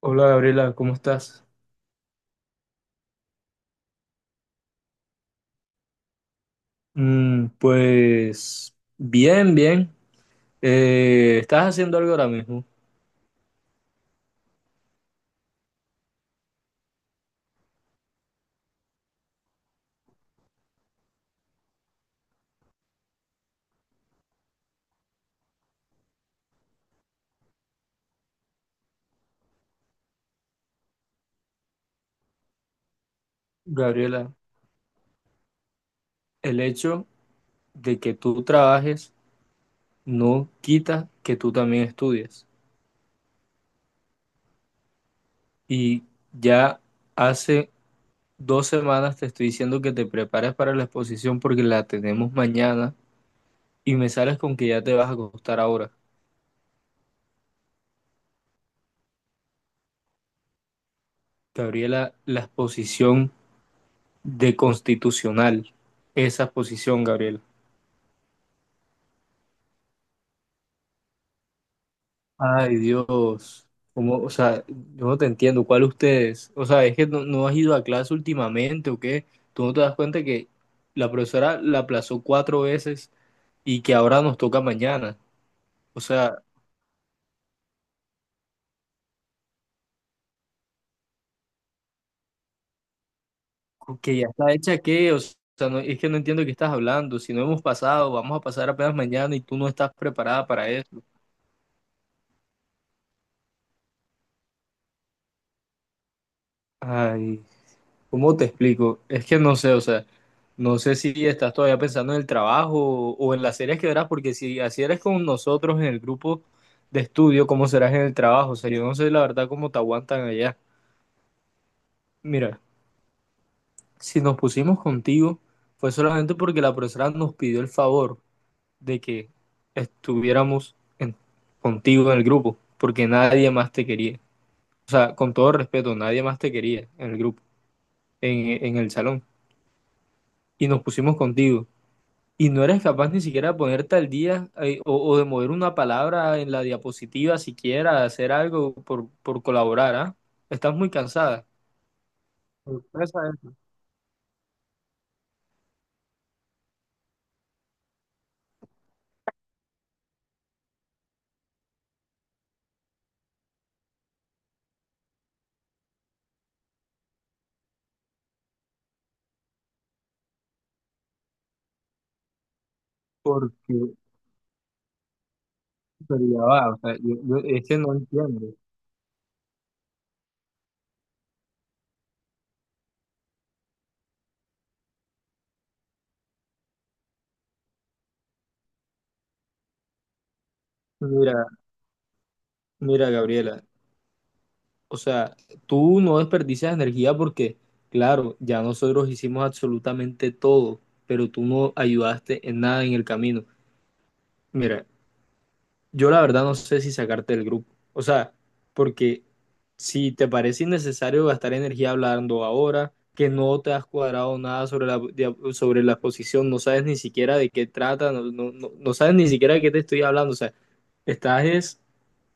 Hola Gabriela, ¿cómo estás? Mm, pues bien, bien. ¿Estás haciendo algo ahora mismo? Gabriela, el hecho de que tú trabajes no quita que tú también estudies. Y ya hace 2 semanas te estoy diciendo que te prepares para la exposición porque la tenemos mañana y me sales con que ya te vas a acostar ahora. Gabriela, la exposición de constitucional, esa exposición, Gabriela. Ay, Dios. Como, o sea, yo no te entiendo. ¿Cuál ustedes? O sea, es que no, no has ido a clase últimamente o qué. Tú no te das cuenta que la profesora la aplazó 4 veces y que ahora nos toca mañana. O sea, que ya está hecha qué. O sea, no- es que no entiendo de qué estás hablando. Si no hemos pasado, vamos a pasar apenas mañana y tú no estás preparada para eso. Ay. ¿Cómo te explico? Es que no sé, o sea, no sé si estás todavía pensando en el trabajo o en las series que verás, porque si así eres con nosotros en el grupo de estudio, ¿cómo serás en el trabajo? O sea, yo no sé la verdad cómo te aguantan allá. Mira, si nos pusimos contigo fue solamente porque la profesora nos pidió el favor de que estuviéramos en- contigo en el grupo, porque nadie más te quería. O sea, con todo respeto, nadie más te quería en el grupo, en el salón. Y nos pusimos contigo. Y no eres capaz ni siquiera de ponerte al día o, de mover una palabra en la diapositiva siquiera, de hacer algo por, colaborar, ¿ah? Estás muy cansada. Sorpresa eso. Porque, pero ya va, o sea, yo, es que no entiendo. Mira, mira, Gabriela, o sea, tú no desperdicias energía porque, claro, ya nosotros hicimos absolutamente todo, pero tú no ayudaste en nada en el camino. Mira, yo la verdad no sé si sacarte del grupo. O sea, porque si te parece innecesario gastar energía hablando ahora, que no te has cuadrado nada sobre la, sobre la exposición, no sabes ni siquiera de qué trata, no, no sabes ni siquiera de qué te estoy hablando. O sea, estás es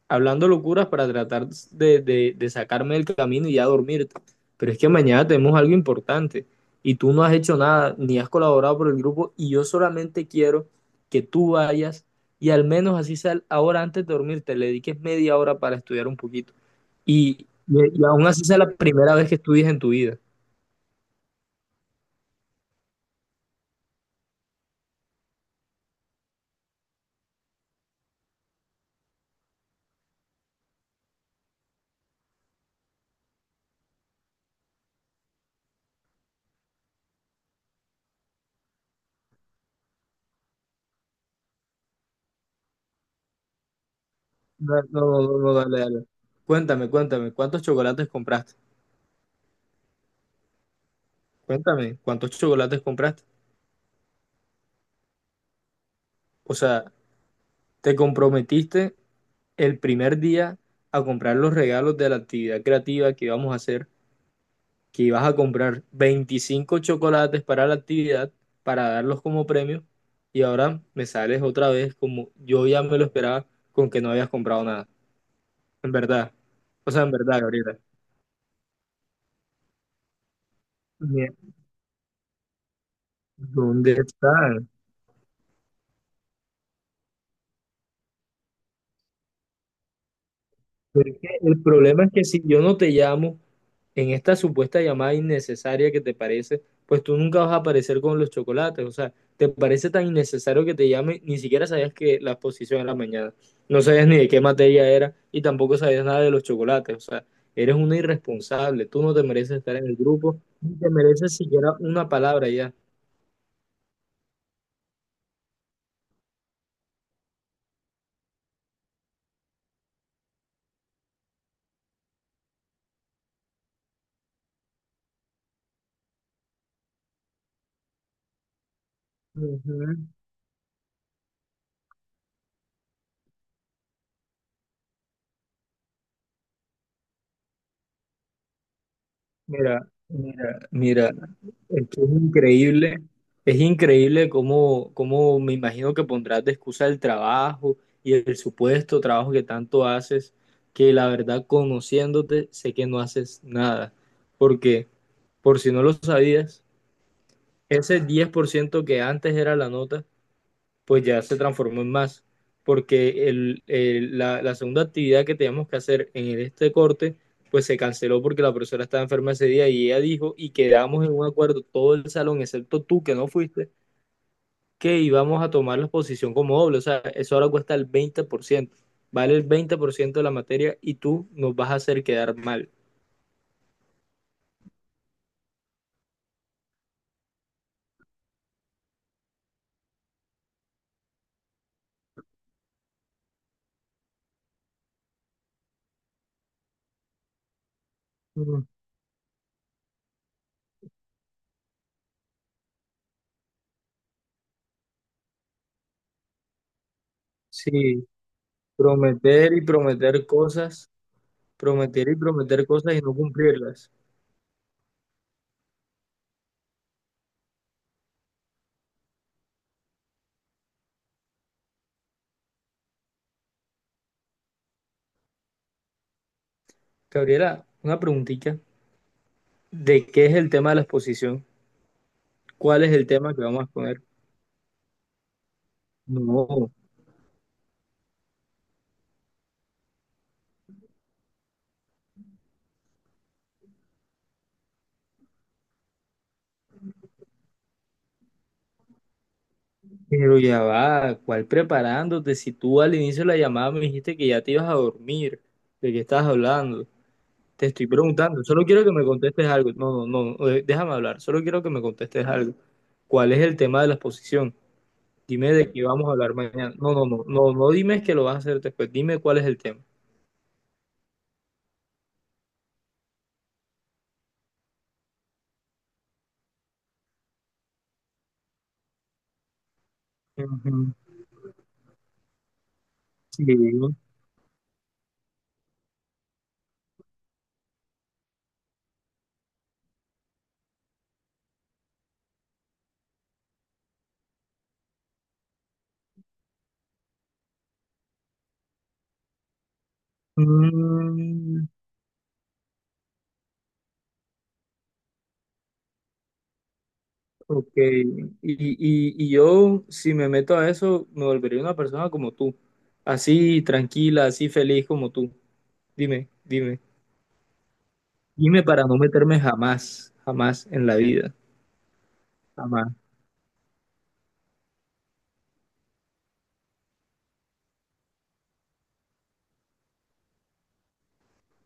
hablando locuras para tratar de, sacarme del camino y ya dormirte. Pero es que mañana tenemos algo importante y tú no has hecho nada, ni has colaborado por el grupo y yo solamente quiero que tú vayas y al menos así sea ahora antes de dormirte, le dediques media hora para estudiar un poquito. Y aún así sea la primera vez que estudies en tu vida. No, no, no, no, dale, dale. Cuéntame, cuéntame, ¿cuántos chocolates compraste? Cuéntame, ¿cuántos chocolates compraste? O sea, te comprometiste el primer día a comprar los regalos de la actividad creativa que íbamos a hacer, que ibas a comprar 25 chocolates para la actividad, para darlos como premio, y ahora me sales otra vez como yo ya me lo esperaba con que no habías comprado nada. En verdad. O sea, en verdad, Gabriela. Mierda, ¿dónde estás? Pero el problema es que si yo no te llamo, en esta supuesta llamada innecesaria que te parece, pues tú nunca vas a aparecer con los chocolates. O sea, te parece tan innecesario que te llame, ni siquiera sabías que la exposición era mañana. No sabías ni de qué materia era y tampoco sabías nada de los chocolates. O sea, eres una irresponsable. Tú no te mereces estar en el grupo, ni te mereces siquiera una palabra ya. Ujú. Mira, mira, mira. Es que es increíble cómo, cómo me imagino que pondrás de excusa el trabajo y el supuesto trabajo que tanto haces, que la verdad conociéndote sé que no haces nada, porque por si no lo sabías, ese 10% que antes era la nota pues ya se transformó en más, porque el, la, la segunda actividad que teníamos que hacer en este corte, pues se canceló porque la profesora estaba enferma ese día y ella dijo, y quedamos en un acuerdo todo el salón, excepto tú que no fuiste, que íbamos a tomar la exposición como doble, o sea, eso ahora cuesta el 20% vale el 20% de la materia y tú nos vas a hacer quedar mal. Mm. Sí, prometer y prometer cosas, prometer y prometer cosas y no cumplirlas. Gabriela, una preguntita. ¿De qué es el tema de la exposición? ¿Cuál es el tema que vamos a exponer? No, pero ya va, ¿cuál preparándote? Si tú al inicio de la llamada me dijiste que ya te ibas a dormir, ¿de qué estás hablando? Te estoy preguntando, solo quiero que me contestes algo. No, no, no, déjame hablar, solo quiero que me contestes algo. ¿Cuál es el tema de la exposición? Dime de qué vamos a hablar mañana. No, no, no, no, no dime que lo vas a hacer después, dime cuál es el tema. Ujú. Sí. Mm. Ok, y yo si me meto a eso, me volvería una persona como tú, así tranquila, así feliz como tú. Dime, dime, dime para no meterme jamás, jamás en la vida, jamás.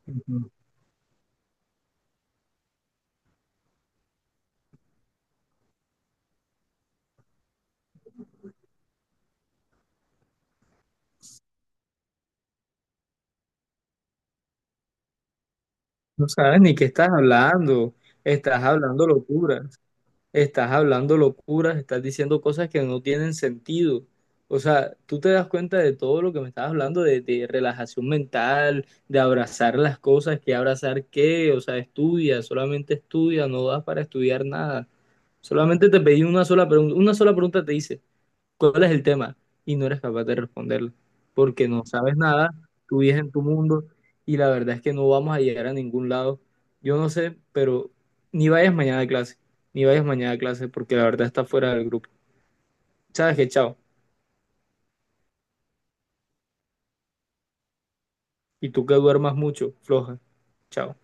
Ujú. No sabes ni qué estás hablando locura. Estás hablando locuras, estás diciendo cosas que no tienen sentido. O sea, tú te das cuenta de todo lo que me estás hablando, de, relajación mental, de abrazar las cosas, que abrazar qué, o sea, estudia, solamente estudia, no das para estudiar nada. Solamente te pedí una sola pregunta te hice cuál es el tema y no eres capaz de responderlo, porque no sabes nada, tú vives en tu mundo y la verdad es que no vamos a llegar a ningún lado. Yo no sé, pero ni vayas mañana a clase, ni vayas mañana a clase porque la verdad está fuera del grupo. Sabes que chao, y tú que duermas mucho, floja, chao.